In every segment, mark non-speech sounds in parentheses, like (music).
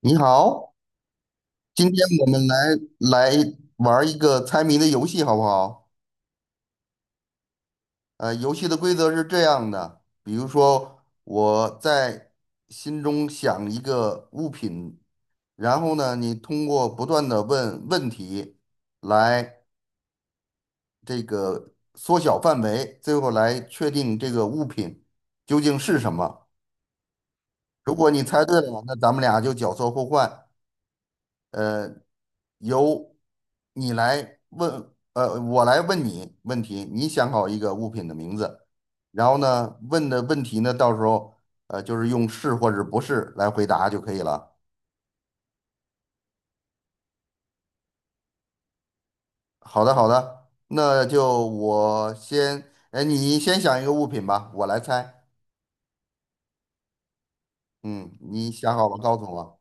你好，今天我们来玩儿一个猜谜的游戏，好不好？游戏的规则是这样的，比如说我在心中想一个物品，然后呢，你通过不断的问问题来这个缩小范围，最后来确定这个物品究竟是什么。如果你猜对了，那咱们俩就角色互换。呃，由你来问，我来问你问题，你想好一个物品的名字，然后呢，问的问题呢，到时候就是用是或者不是来回答就可以了。好的，好的，那就我先，哎，你先想一个物品吧，我来猜。嗯，你想好了告诉我。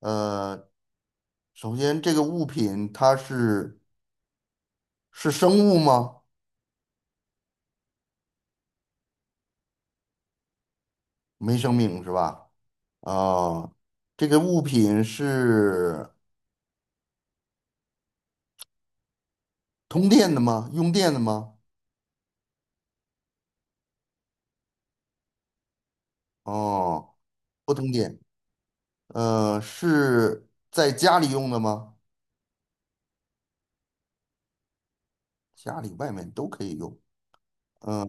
呃，首先这个物品它是生物吗？没生命是吧？啊、这个物品是。通电的吗？用电的吗？哦，不通电。是在家里用的吗？家里、外面都可以用。嗯、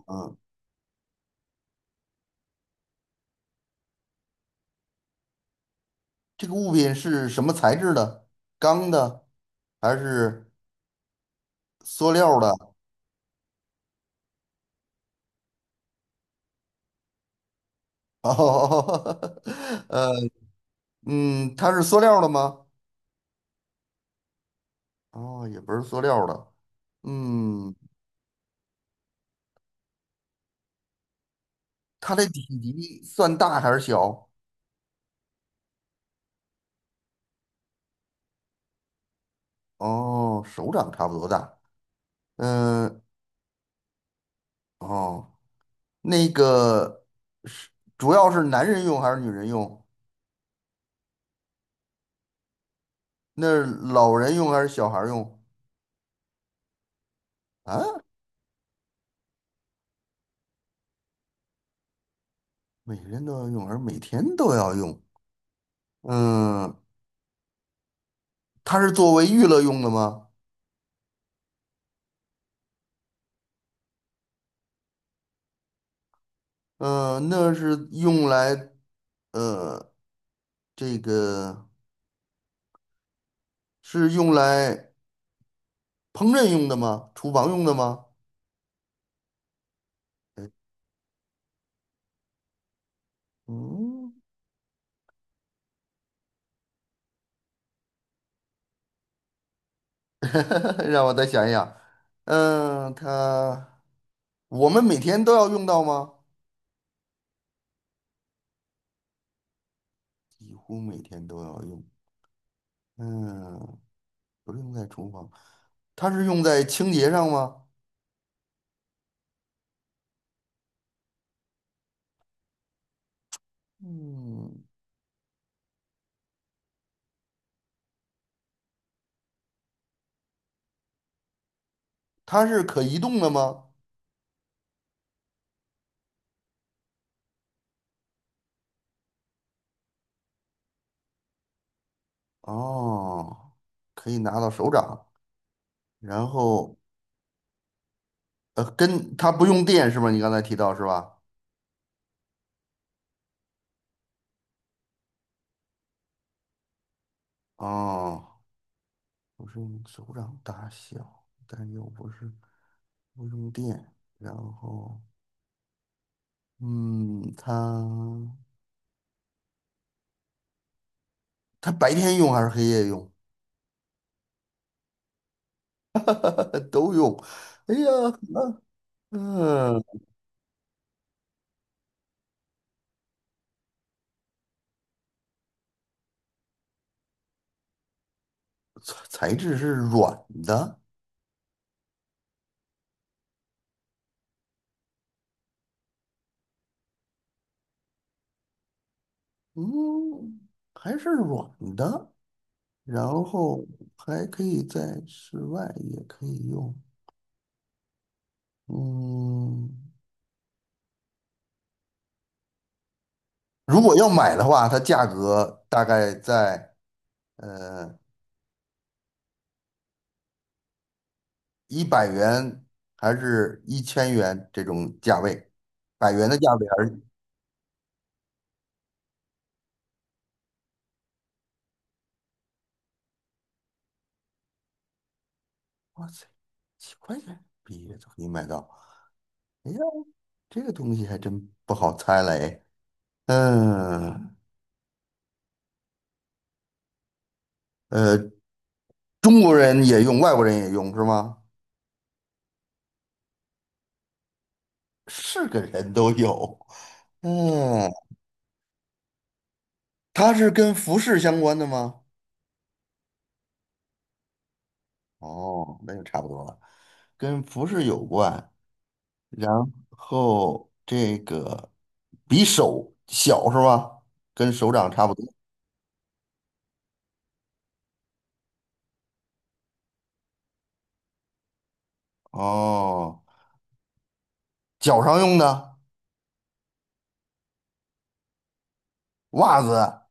这个物品是什么材质的？钢的还是塑料的？(laughs) 哦，呃，它是塑料的吗？哦，也不是塑料的。嗯，它的体积算大还是小？哦，手掌差不多大。嗯，哦。那个是主要是男人用还是女人用？那是老人用还是小孩儿用？啊，每人都要用，而每天都要用。嗯，它是作为娱乐用的吗？嗯，那是用来，呃，这个是用来烹饪用的吗？厨房用的吗？嗯，(laughs) 让我再想一想。嗯，它我们每天都要用到吗？几乎每天都要用。嗯，不是用在厨房，它是用在清洁上吗？嗯，它是可移动的吗？哦，可以拿到手掌，然后跟它不用电是吗？你刚才提到是吧？哦，不是用手掌大小，但又不是不用电，然后嗯，它它白天用还是黑夜用？都用。哎呀，嗯、材质是软的。嗯，还是软的，然后还可以在室外也可以用。嗯，如果要买的话，它价格大概在呃100元还是1000元这种价位，百元的价位而已。哇塞，几块钱毕业都可以买到。哎呀，这个东西还真不好猜嘞。嗯，呃，中国人也用，外国人也用是吗？是个人都有。嗯，它是跟服饰相关的吗？哦，那就差不多了，跟服饰有关。然后这个比手小是吧？跟手掌差不多。哦，脚上用的袜子。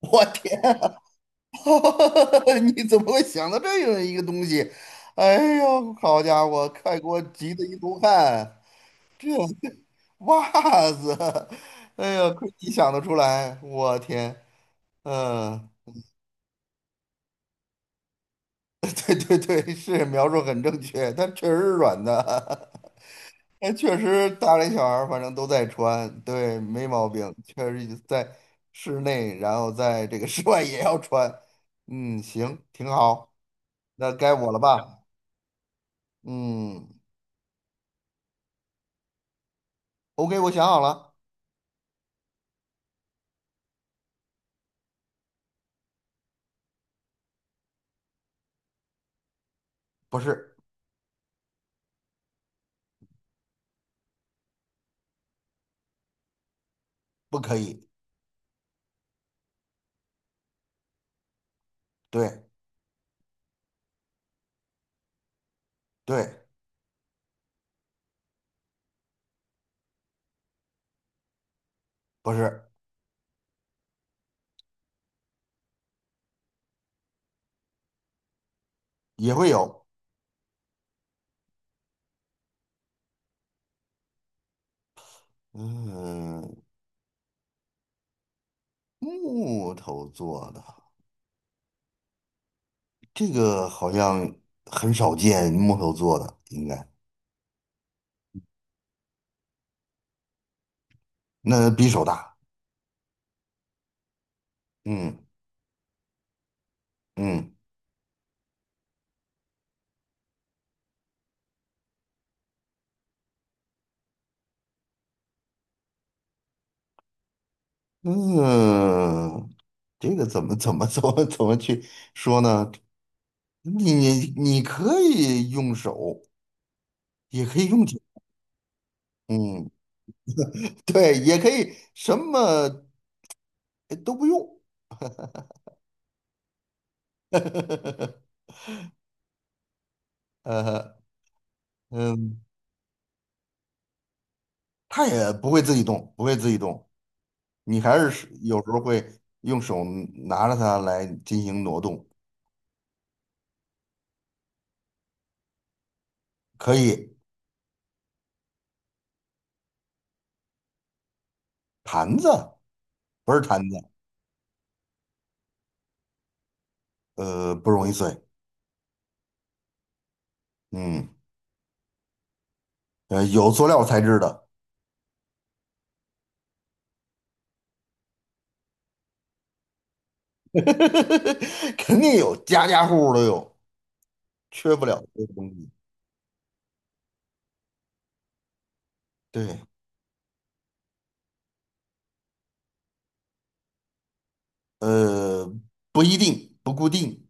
我天 (laughs) 你怎么会想到这样一个东西？哎呦，好家伙，快给我急得一头汗！袜子，(laughs) 哎呀，亏你想得出来，我天，嗯。(laughs) 对对对，是描述很正确，它确实是软的，(laughs) 那确实大人小孩儿反正都在穿，对，没毛病，确实在室内，然后在这个 (laughs) 室外也要穿，嗯，行，挺好，那该我了吧？嗯，OK，我想好了，不是，不可以，对对，不是，也会有，嗯，木头做的，这个好像很少见，木头做的应该，那比手大。嗯嗯嗯，这个怎么去说呢？你可以用手，也可以用脚，嗯，对，也可以什么都不用，(laughs) 呃嗯，他也不会自己动，不会自己动，你还是有时候会用手拿着它来进行挪动，可以盘子不是盘子，不容易碎，嗯，有塑料材质的。(laughs) 肯定有，家家户户都有，缺不了这个东西。对，呃，不一定，不固定，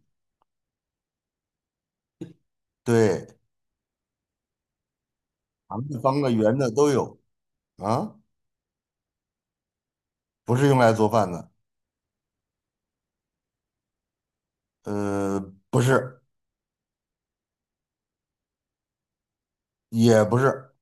对，长的、方的、圆的都有啊，不是用来做饭的，呃，不是，也不是，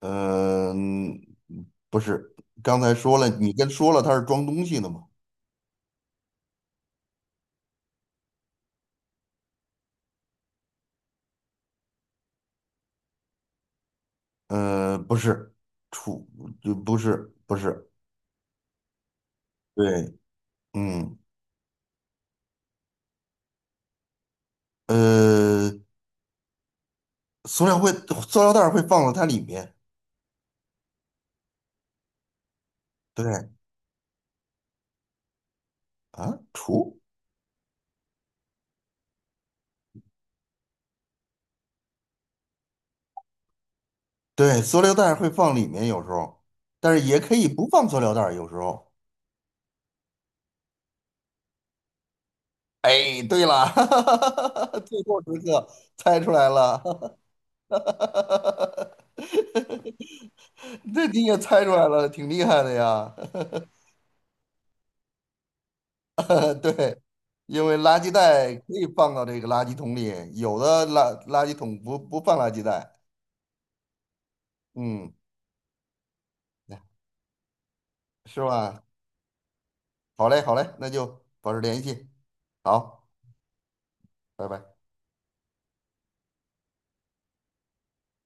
嗯、不是。刚才说了，你跟说了它是装东西的嘛？不是，储，就不是，不是，对，嗯，呃，塑料会，塑料袋儿会放到它里面，对。啊，除对，塑料袋儿会放里面有时候，但是也可以不放塑料袋儿有时候。哎，对了，(laughs) 最后时刻猜出来了，(laughs) 这你也猜出来了，挺厉害的呀。(laughs) 对，因为垃圾袋可以放到这个垃圾桶里，有的垃圾桶不放垃圾袋，嗯，是吧？好嘞，好嘞，那就保持联系，好，拜拜。